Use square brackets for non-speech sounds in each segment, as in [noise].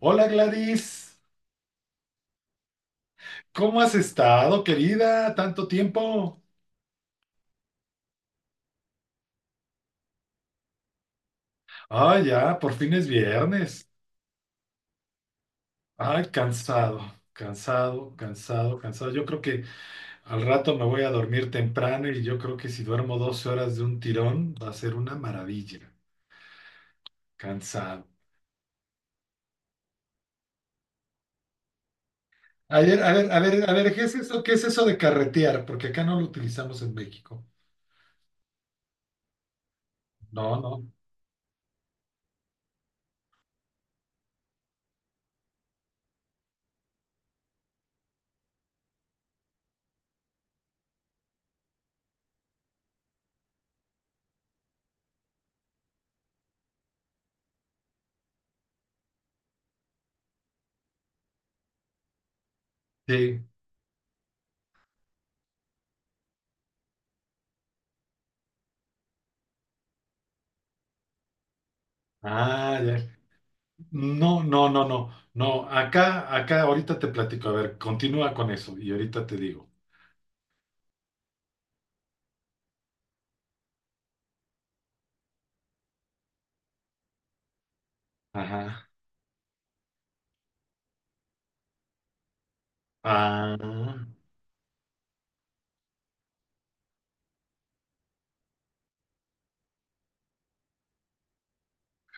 Hola Gladys, ¿cómo has estado, querida? Tanto tiempo. Ah, ya, por fin es viernes. Ay, cansado, cansado, cansado, cansado. Yo creo que al rato me voy a dormir temprano y yo creo que si duermo 12 horas de un tirón va a ser una maravilla. Cansado. A ver, a ver, a ver, a ver, ¿qué es eso? ¿Qué es eso de carretear? Porque acá no lo utilizamos en México. No, no. Sí. Ah, ya. No, no, no, no, no. Acá, acá, ahorita te platico. A ver, continúa con eso y ahorita te digo. Ajá. Ah,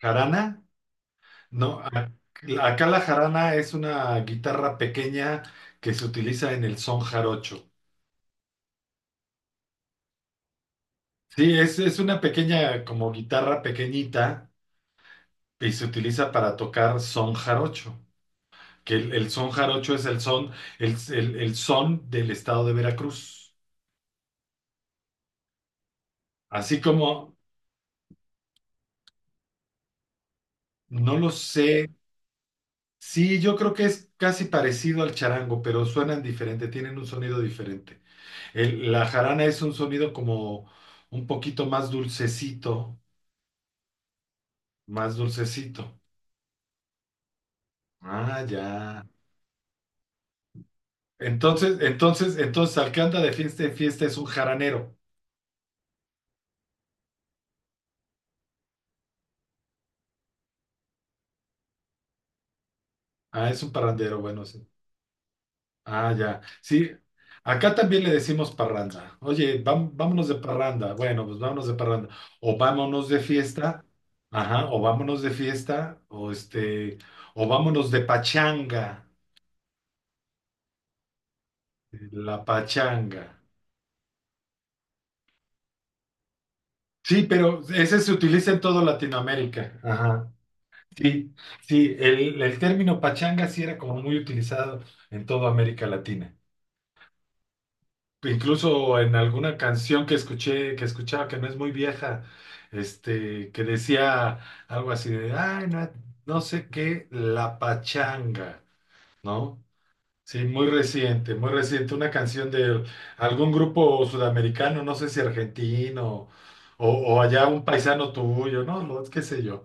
jarana. No, a- Acá la jarana es una guitarra pequeña que se utiliza en el son jarocho. Sí, es una pequeña, como guitarra pequeñita y se utiliza para tocar son jarocho. Que el son jarocho es el son, el son del estado de Veracruz. Así como, no lo sé. Sí, yo creo que es casi parecido al charango, pero suenan diferente, tienen un sonido diferente. La jarana es un sonido como un poquito más dulcecito, más dulcecito. Ah, ya. Entonces, al que anda de fiesta en fiesta es un jaranero. Ah, es un parrandero, bueno, sí. Ah, ya. Sí, acá también le decimos parranda. Oye, vámonos de parranda. Bueno, pues vámonos de parranda. O vámonos de fiesta. Ajá, o vámonos de fiesta. O o vámonos de pachanga. La pachanga. Sí, pero ese se utiliza en toda Latinoamérica. Ajá. Sí, sí, el término pachanga sí era como muy utilizado en toda América Latina. Incluso en alguna canción que escuché, que escuchaba, que no es muy vieja, que decía algo así de, ay, no, no sé qué, la pachanga, ¿no? Sí, muy reciente, una canción de algún grupo sudamericano, no sé si argentino o allá un paisano tuyo, ¿no? Qué sé yo.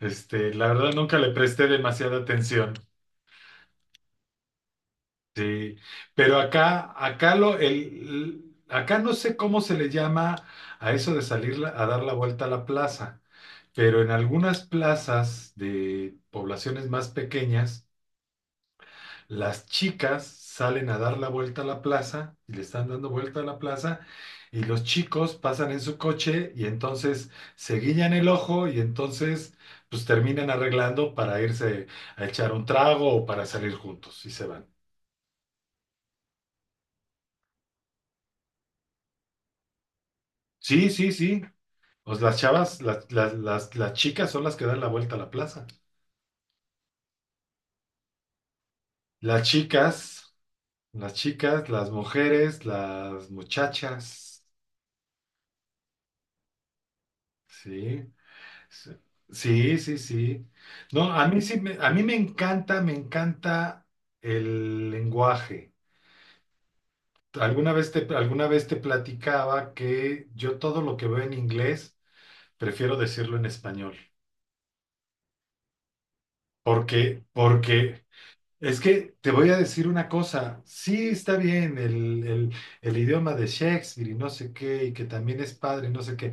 La verdad nunca le presté demasiada atención. Sí, pero acá lo, el, acá no sé cómo se le llama a eso de salir a dar la vuelta a la plaza, pero en algunas plazas de poblaciones más pequeñas, las chicas salen a dar la vuelta a la plaza y le están dando vuelta a la plaza y los chicos pasan en su coche y entonces se guiñan el ojo y entonces pues terminan arreglando para irse a echar un trago o para salir juntos y se van. Sí, sí, sí. Pues las chavas, las chicas son las que dan la vuelta a la plaza. Las chicas, las chicas, las mujeres, las muchachas. Sí, sí, sí, sí, sí. No, a mí sí, me, a mí me encanta el lenguaje. Alguna vez te platicaba que yo todo lo que veo en inglés prefiero decirlo en español. Porque, es que te voy a decir una cosa, sí está bien el el idioma de Shakespeare y no sé qué, y que también es padre y no sé qué,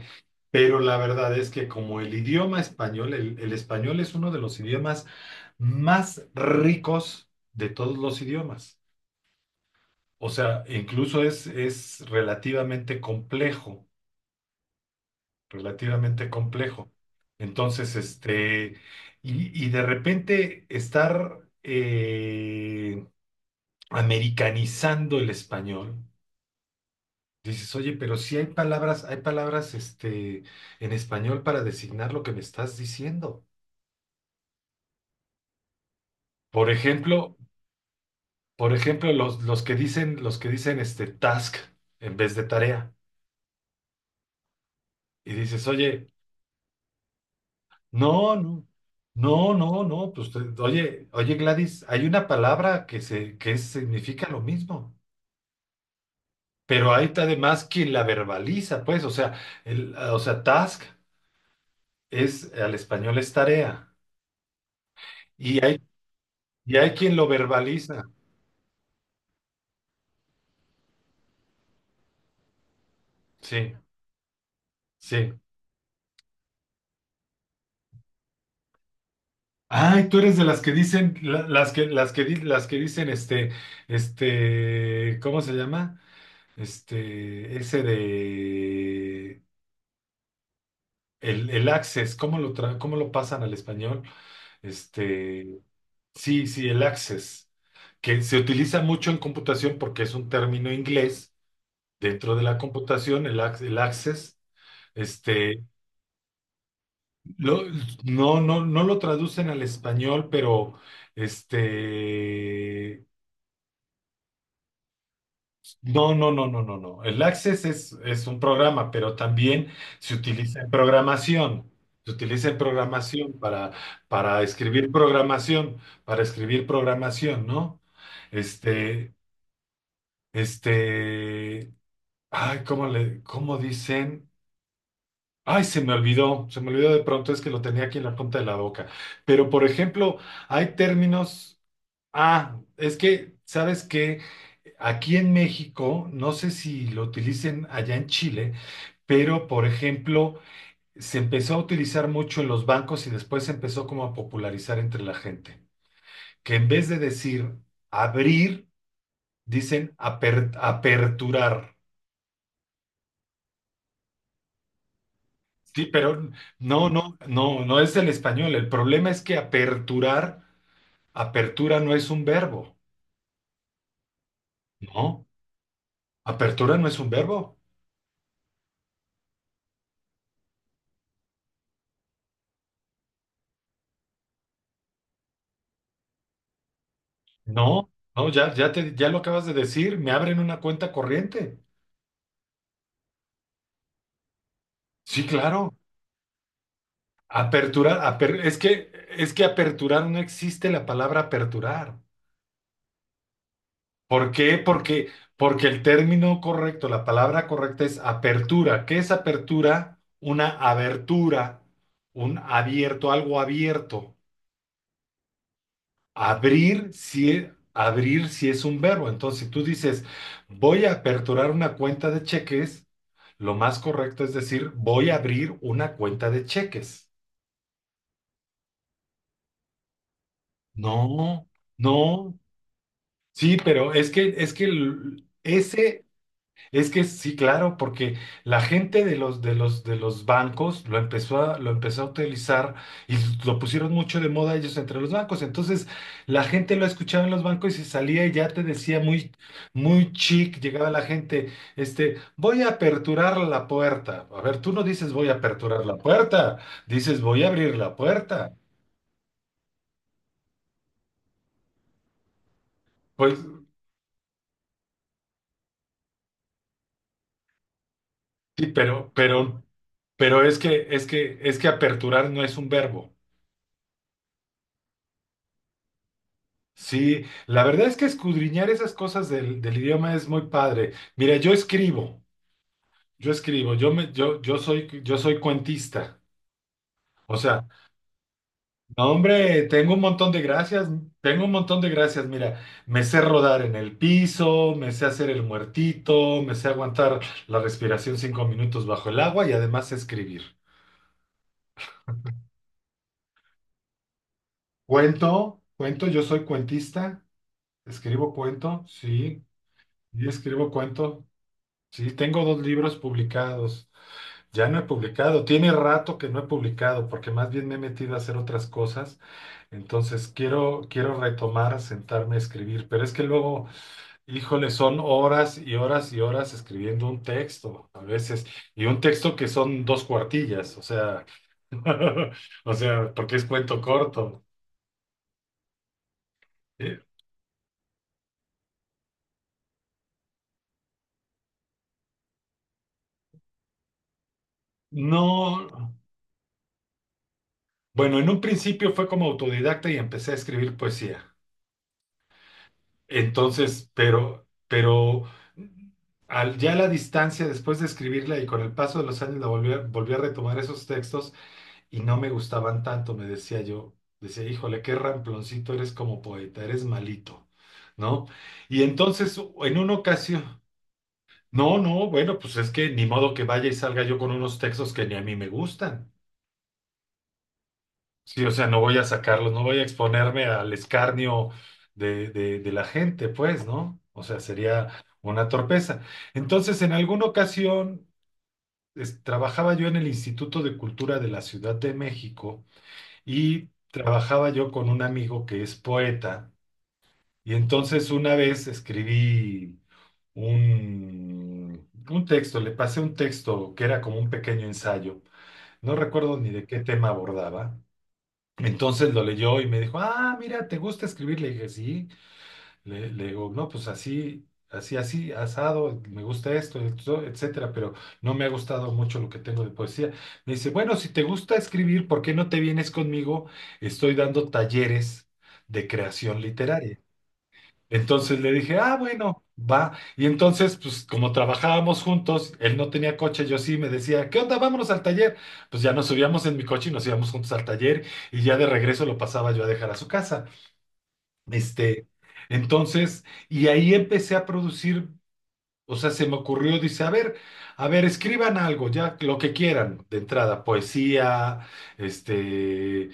pero la verdad es que como el idioma español, el español es uno de los idiomas más ricos de todos los idiomas. O sea, incluso es relativamente complejo, relativamente complejo. Entonces, y de repente estar... americanizando el español. Dices, oye, pero sí hay palabras en español para designar lo que me estás diciendo. Por ejemplo, por ejemplo, los que dicen task en vez de tarea. Y dices, oye, no, no, no, no, no, pues oye, oye, Gladys, hay una palabra que se, que significa lo mismo. Pero hay además quien la verbaliza, pues, o sea, el, o sea, task es, al español es tarea. Y hay, y hay quien lo verbaliza. Sí, sí. Ay, tú eres de las que dicen, las que, las que, las que dicen, ¿cómo se llama? Este, ese de el access, ¿cómo cómo lo pasan al español? Este, sí, sí, el access, que se utiliza mucho en computación porque es un término inglés dentro de la computación, el, el access. este, Lo- no, no, no lo traducen al español, pero este, no, no, no, no, no, no. El Access es un programa, pero también se utiliza en programación. Se utiliza en programación para escribir programación, ¿no? Este, este, ay, ¿cómo le, cómo dicen? Ay, se me olvidó de pronto, es que lo tenía aquí en la punta de la boca. Pero, por ejemplo, hay términos. Ah, es que, ¿sabes que aquí en México, no sé si lo utilicen allá en Chile, pero por ejemplo, se empezó a utilizar mucho en los bancos y después se empezó como a popularizar entre la gente, que en vez de decir abrir, dicen aperturar. Sí, pero no, no, no, no es el español. El problema es que aperturar, apertura no es un verbo, ¿no? Apertura no es un verbo. No, no, ya, ya te, ya lo acabas de decir, me abren una cuenta corriente. Sí, claro. Aperturar, es que aperturar no existe la palabra aperturar. ¿Por qué? Porque el término correcto, la palabra correcta es apertura. ¿Qué es apertura? Una abertura, un abierto, algo abierto. Abrir si, abrir si es un verbo. Entonces, si tú dices, voy a aperturar una cuenta de cheques, lo más correcto es decir, voy a abrir una cuenta de cheques. No, no. Sí, pero es que ese es que sí, claro, porque la gente de los, de los, de los bancos lo empezó a utilizar y lo pusieron mucho de moda ellos entre los bancos. Entonces, la gente lo escuchaba en los bancos y se salía y ya te decía muy, muy chic, llegaba la gente, voy a aperturar la puerta. A ver, tú no dices voy a aperturar la puerta, dices voy a abrir la puerta. Pues sí, pero es que, es que, es que aperturar no es un verbo. Sí, la verdad es que escudriñar esas cosas del idioma es muy padre. Mira, yo escribo, yo escribo, yo me, yo, yo soy cuentista. O sea, no, hombre, tengo un montón de gracias, tengo un montón de gracias. Mira, me sé rodar en el piso, me sé hacer el muertito, me sé aguantar la respiración 5 minutos bajo el agua y además sé escribir. Cuento, cuento, yo soy cuentista, escribo cuento, sí, y escribo cuento, sí, tengo 2 libros publicados. Ya no he publicado, tiene rato que no he publicado porque más bien me he metido a hacer otras cosas, entonces quiero, quiero retomar, sentarme a escribir, pero es que luego, híjole, son horas y horas y horas escribiendo un texto a veces, y un texto que son 2 cuartillas, o sea, [laughs] o sea, porque es cuento corto. Eh, no, bueno, en un principio fue como autodidacta y empecé a escribir poesía. Entonces, pero ya a la distancia, después de escribirla y con el paso de los años, volví a retomar esos textos y no me gustaban tanto, me decía yo. Decía, híjole, qué ramploncito eres como poeta, eres malito, ¿no? Y entonces, en una ocasión, no, no, bueno, pues es que ni modo que vaya y salga yo con unos textos que ni a mí me gustan. Sí, o sea, no voy a sacarlos, no voy a exponerme al escarnio de la gente, pues, ¿no? O sea, sería una torpeza. Entonces, en alguna ocasión, trabajaba yo en el Instituto de Cultura de la Ciudad de México y trabajaba yo con un amigo que es poeta. Y entonces una vez escribí un texto, le pasé un texto que era como un pequeño ensayo. No recuerdo ni de qué tema abordaba. Entonces lo leyó y me dijo, ah, mira, ¿te gusta escribir? Le dije, sí. Le digo, no, pues así, así, así, asado, me gusta esto, esto, etcétera, pero no me ha gustado mucho lo que tengo de poesía. Me dice, bueno, si te gusta escribir, ¿por qué no te vienes conmigo? Estoy dando talleres de creación literaria. Entonces le dije, ah, bueno, va. Y entonces, pues como trabajábamos juntos, él no tenía coche, yo sí, me decía, ¿qué onda? Vámonos al taller. Pues ya nos subíamos en mi coche y nos íbamos juntos al taller y ya de regreso lo pasaba yo a dejar a su casa. Este, entonces, y ahí empecé a producir. O sea, se me ocurrió, dice, a ver, escriban algo, ya, lo que quieran, de entrada, poesía, este,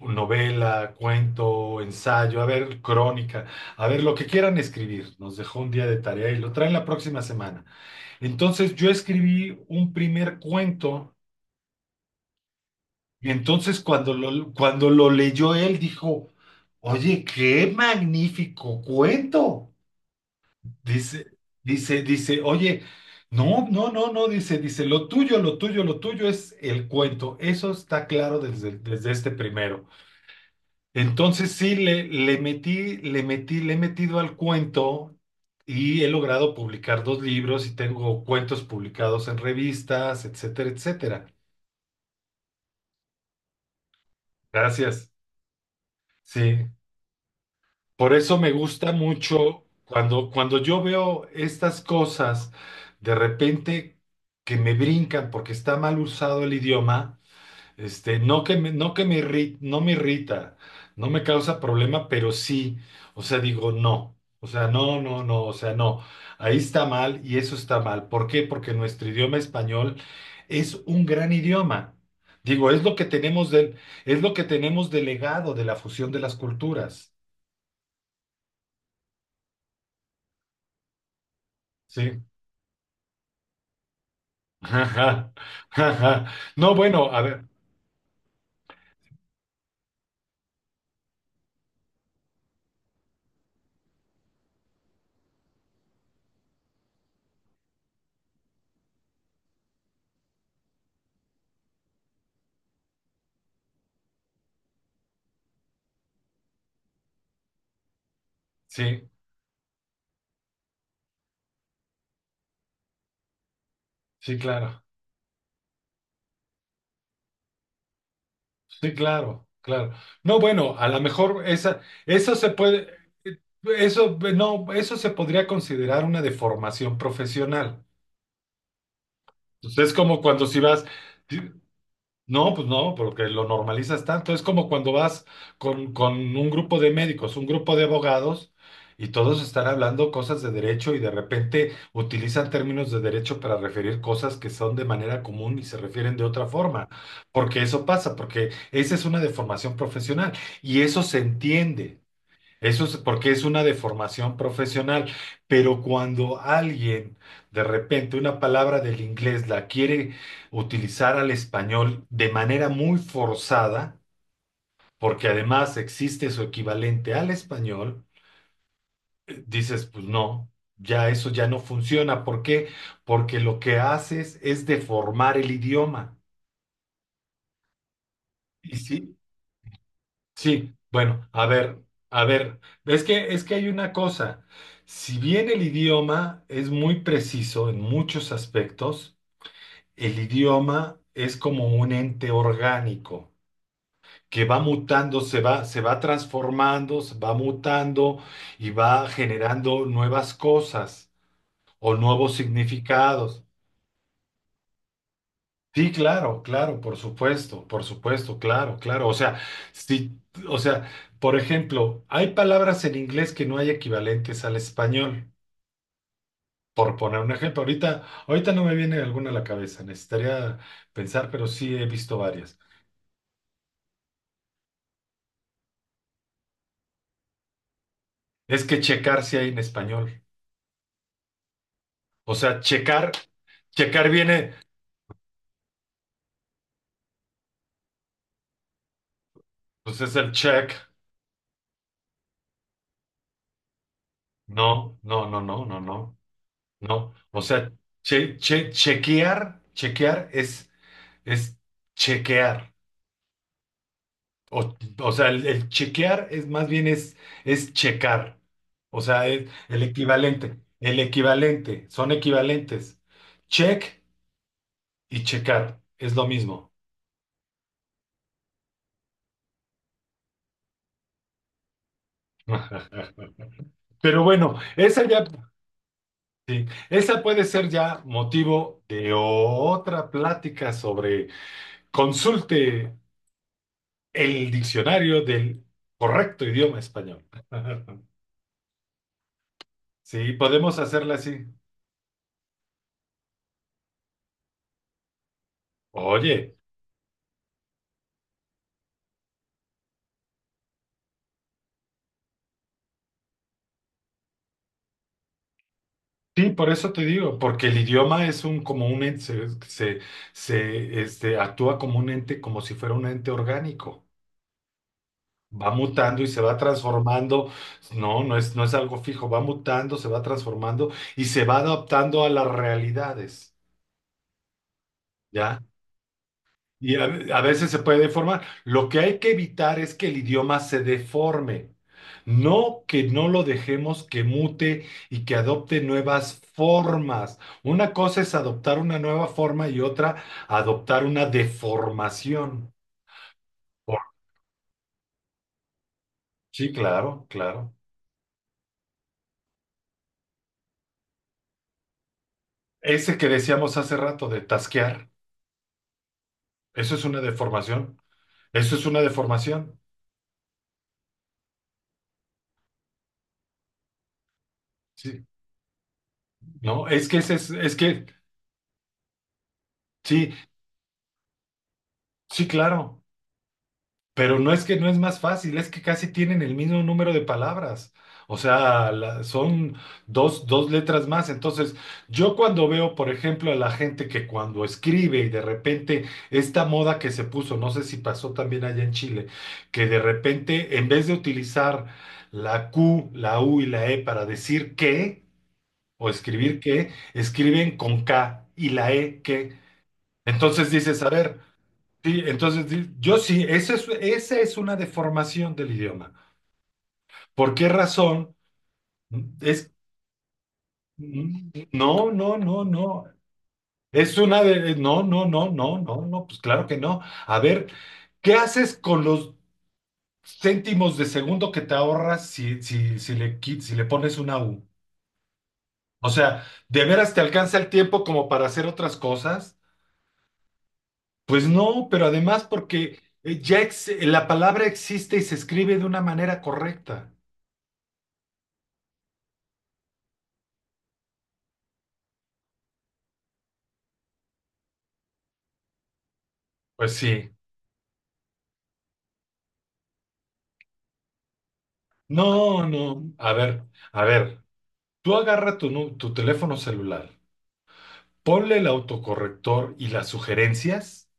novela, cuento, ensayo, a ver, crónica, a ver, lo que quieran escribir. Nos dejó un día de tarea y lo traen la próxima semana. Entonces yo escribí un primer cuento y entonces cuando lo leyó él dijo, oye, qué magnífico cuento. Dice, dice, oye, no, no, no, no, dice, dice, lo tuyo, lo tuyo, lo tuyo es el cuento. Eso está claro desde, desde este primero. Entonces sí, le he metido al cuento y he logrado publicar 2 libros y tengo cuentos publicados en revistas, etcétera, etcétera. Gracias. Sí. Por eso me gusta mucho cuando yo veo estas cosas de repente que me brincan porque está mal usado el idioma, no me irrita, no me causa problema, pero sí, o sea, digo no, o sea, no, no, no, o sea, no, ahí está mal y eso está mal. ¿Por qué? Porque nuestro idioma español es un gran idioma. Digo, es lo que tenemos delegado de legado de la fusión de las culturas, ¿sí? [laughs] Ajá, ajá. No, bueno, a ver, sí, sí, claro, sí, claro, claro. No, bueno, a lo mejor esa, eso se puede, eso, no, eso se podría considerar una deformación profesional. Entonces, es como cuando si vas, no, pues no, porque lo normalizas tanto. Es como cuando vas con un grupo de médicos, un grupo de abogados, y todos están hablando cosas de derecho y de repente utilizan términos de derecho para referir cosas que son de manera común y se refieren de otra forma. Porque eso pasa, porque esa es una deformación profesional y eso se entiende. Eso es porque es una deformación profesional, pero cuando alguien de repente una palabra del inglés la quiere utilizar al español de manera muy forzada, porque además existe su equivalente al español, dices, pues no, ya eso ya no funciona. ¿Por qué? Porque lo que haces es deformar el idioma. Y si, Sí, bueno, a ver, es que hay una cosa, si bien el idioma es muy preciso en muchos aspectos, el idioma es como un ente orgánico que va mutando, se va transformando, se va mutando y va generando nuevas cosas o nuevos significados. Sí, claro, claro, por supuesto, claro, claro. O sea, sí, o sea, por ejemplo, hay palabras en inglés que no hay equivalentes al español, por poner un ejemplo. Ahorita no me viene alguna a la cabeza, necesitaría pensar, pero sí he visto varias. Es que checar sí hay en español. O sea, checar viene, pues es el check. No, no, no, no, no, no, no. O sea, chequear es chequear. O sea, el chequear es más bien es checar. O sea, es el equivalente. El equivalente. Son equivalentes. Check y checar. Es lo mismo. [laughs] Pero bueno, esa ya, sí, esa puede ser ya motivo de otra plática sobre consulte el diccionario del correcto idioma español. [laughs] Sí, podemos hacerla así. Oye. Sí, por eso te digo, porque el idioma es un como un ente, actúa como un ente, como si fuera un ente orgánico. Va mutando y se va transformando. No es algo fijo, va mutando, se va transformando y se va adaptando a las realidades, ¿ya? Y a veces se puede deformar. Lo que hay que evitar es que el idioma se deforme, no que no lo dejemos que mute y que adopte nuevas formas. Una cosa es adoptar una nueva forma y otra adoptar una deformación. Por- Sí, claro, claro. Ese que decíamos hace rato de tasquear, eso es una deformación. Eso es una deformación. Sí. No, es que ese es que, sí, sí, claro. Pero no es que no es más fácil, es que casi tienen el mismo número de palabras. O sea, son dos, dos letras más. Entonces, yo cuando veo, por ejemplo, a la gente que cuando escribe y de repente esta moda que se puso, no sé si pasó también allá en Chile, que de repente en vez de utilizar la Q, la U y la E para decir que o escribir que, escriben con K y la E que. Entonces dices, a ver. Sí, entonces yo sí, esa es una deformación del idioma. ¿Por qué razón? Es, no, no, no, no. Es una de, no, no, no, no, no, no, pues claro que no. A ver, ¿qué haces con los céntimos de segundo que te ahorras si le pones una U? O sea, ¿de veras te alcanza el tiempo como para hacer otras cosas? Pues no, pero además porque la palabra existe y se escribe de una manera correcta. Pues sí. No, no. A ver, a ver. Tú agarra tu teléfono celular, ponle el autocorrector y las sugerencias,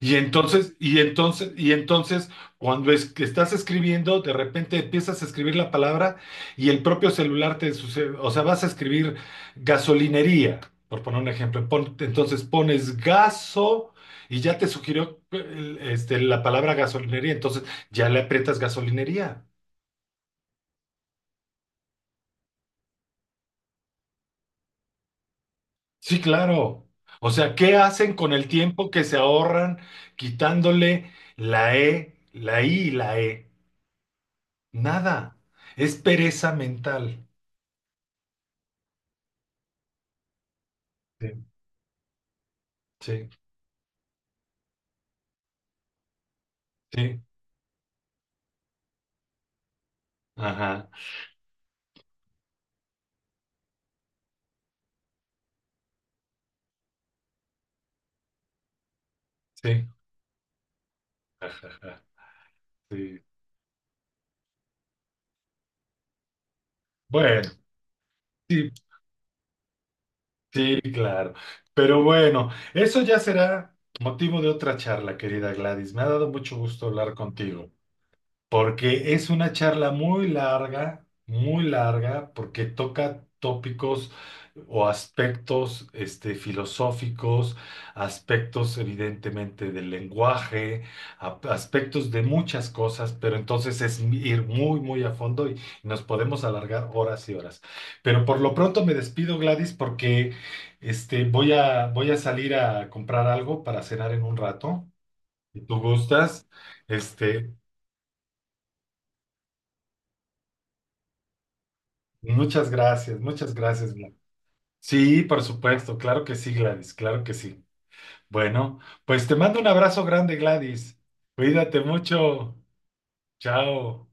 y entonces, cuando es que estás escribiendo, de repente empiezas a escribir la palabra y el propio celular te sucede, o sea, vas a escribir gasolinería, por poner un ejemplo. Entonces pones gaso y ya te sugirió la palabra gasolinería, entonces ya le aprietas gasolinería. Sí, claro. O sea, ¿qué hacen con el tiempo que se ahorran quitándole la E, la I y la E? Nada. Es pereza mental. Sí, sí, sí. Ajá, sí, ajá, sí. Bueno, sí, sí, claro. Pero bueno, eso ya será motivo de otra charla, querida Gladys. Me ha dado mucho gusto hablar contigo. Porque es una charla muy larga, porque toca tópicos o aspectos filosóficos, aspectos evidentemente del lenguaje, aspectos de muchas cosas, pero entonces es ir muy, muy a fondo y nos podemos alargar horas y horas. Pero por lo pronto me despido, Gladys, porque voy a salir a comprar algo para cenar en un rato. Si tú gustas, este, muchas gracias, muchas gracias, Gladys. Sí, por supuesto, claro que sí, Gladys, claro que sí. Bueno, pues te mando un abrazo grande, Gladys. Cuídate mucho. Chao.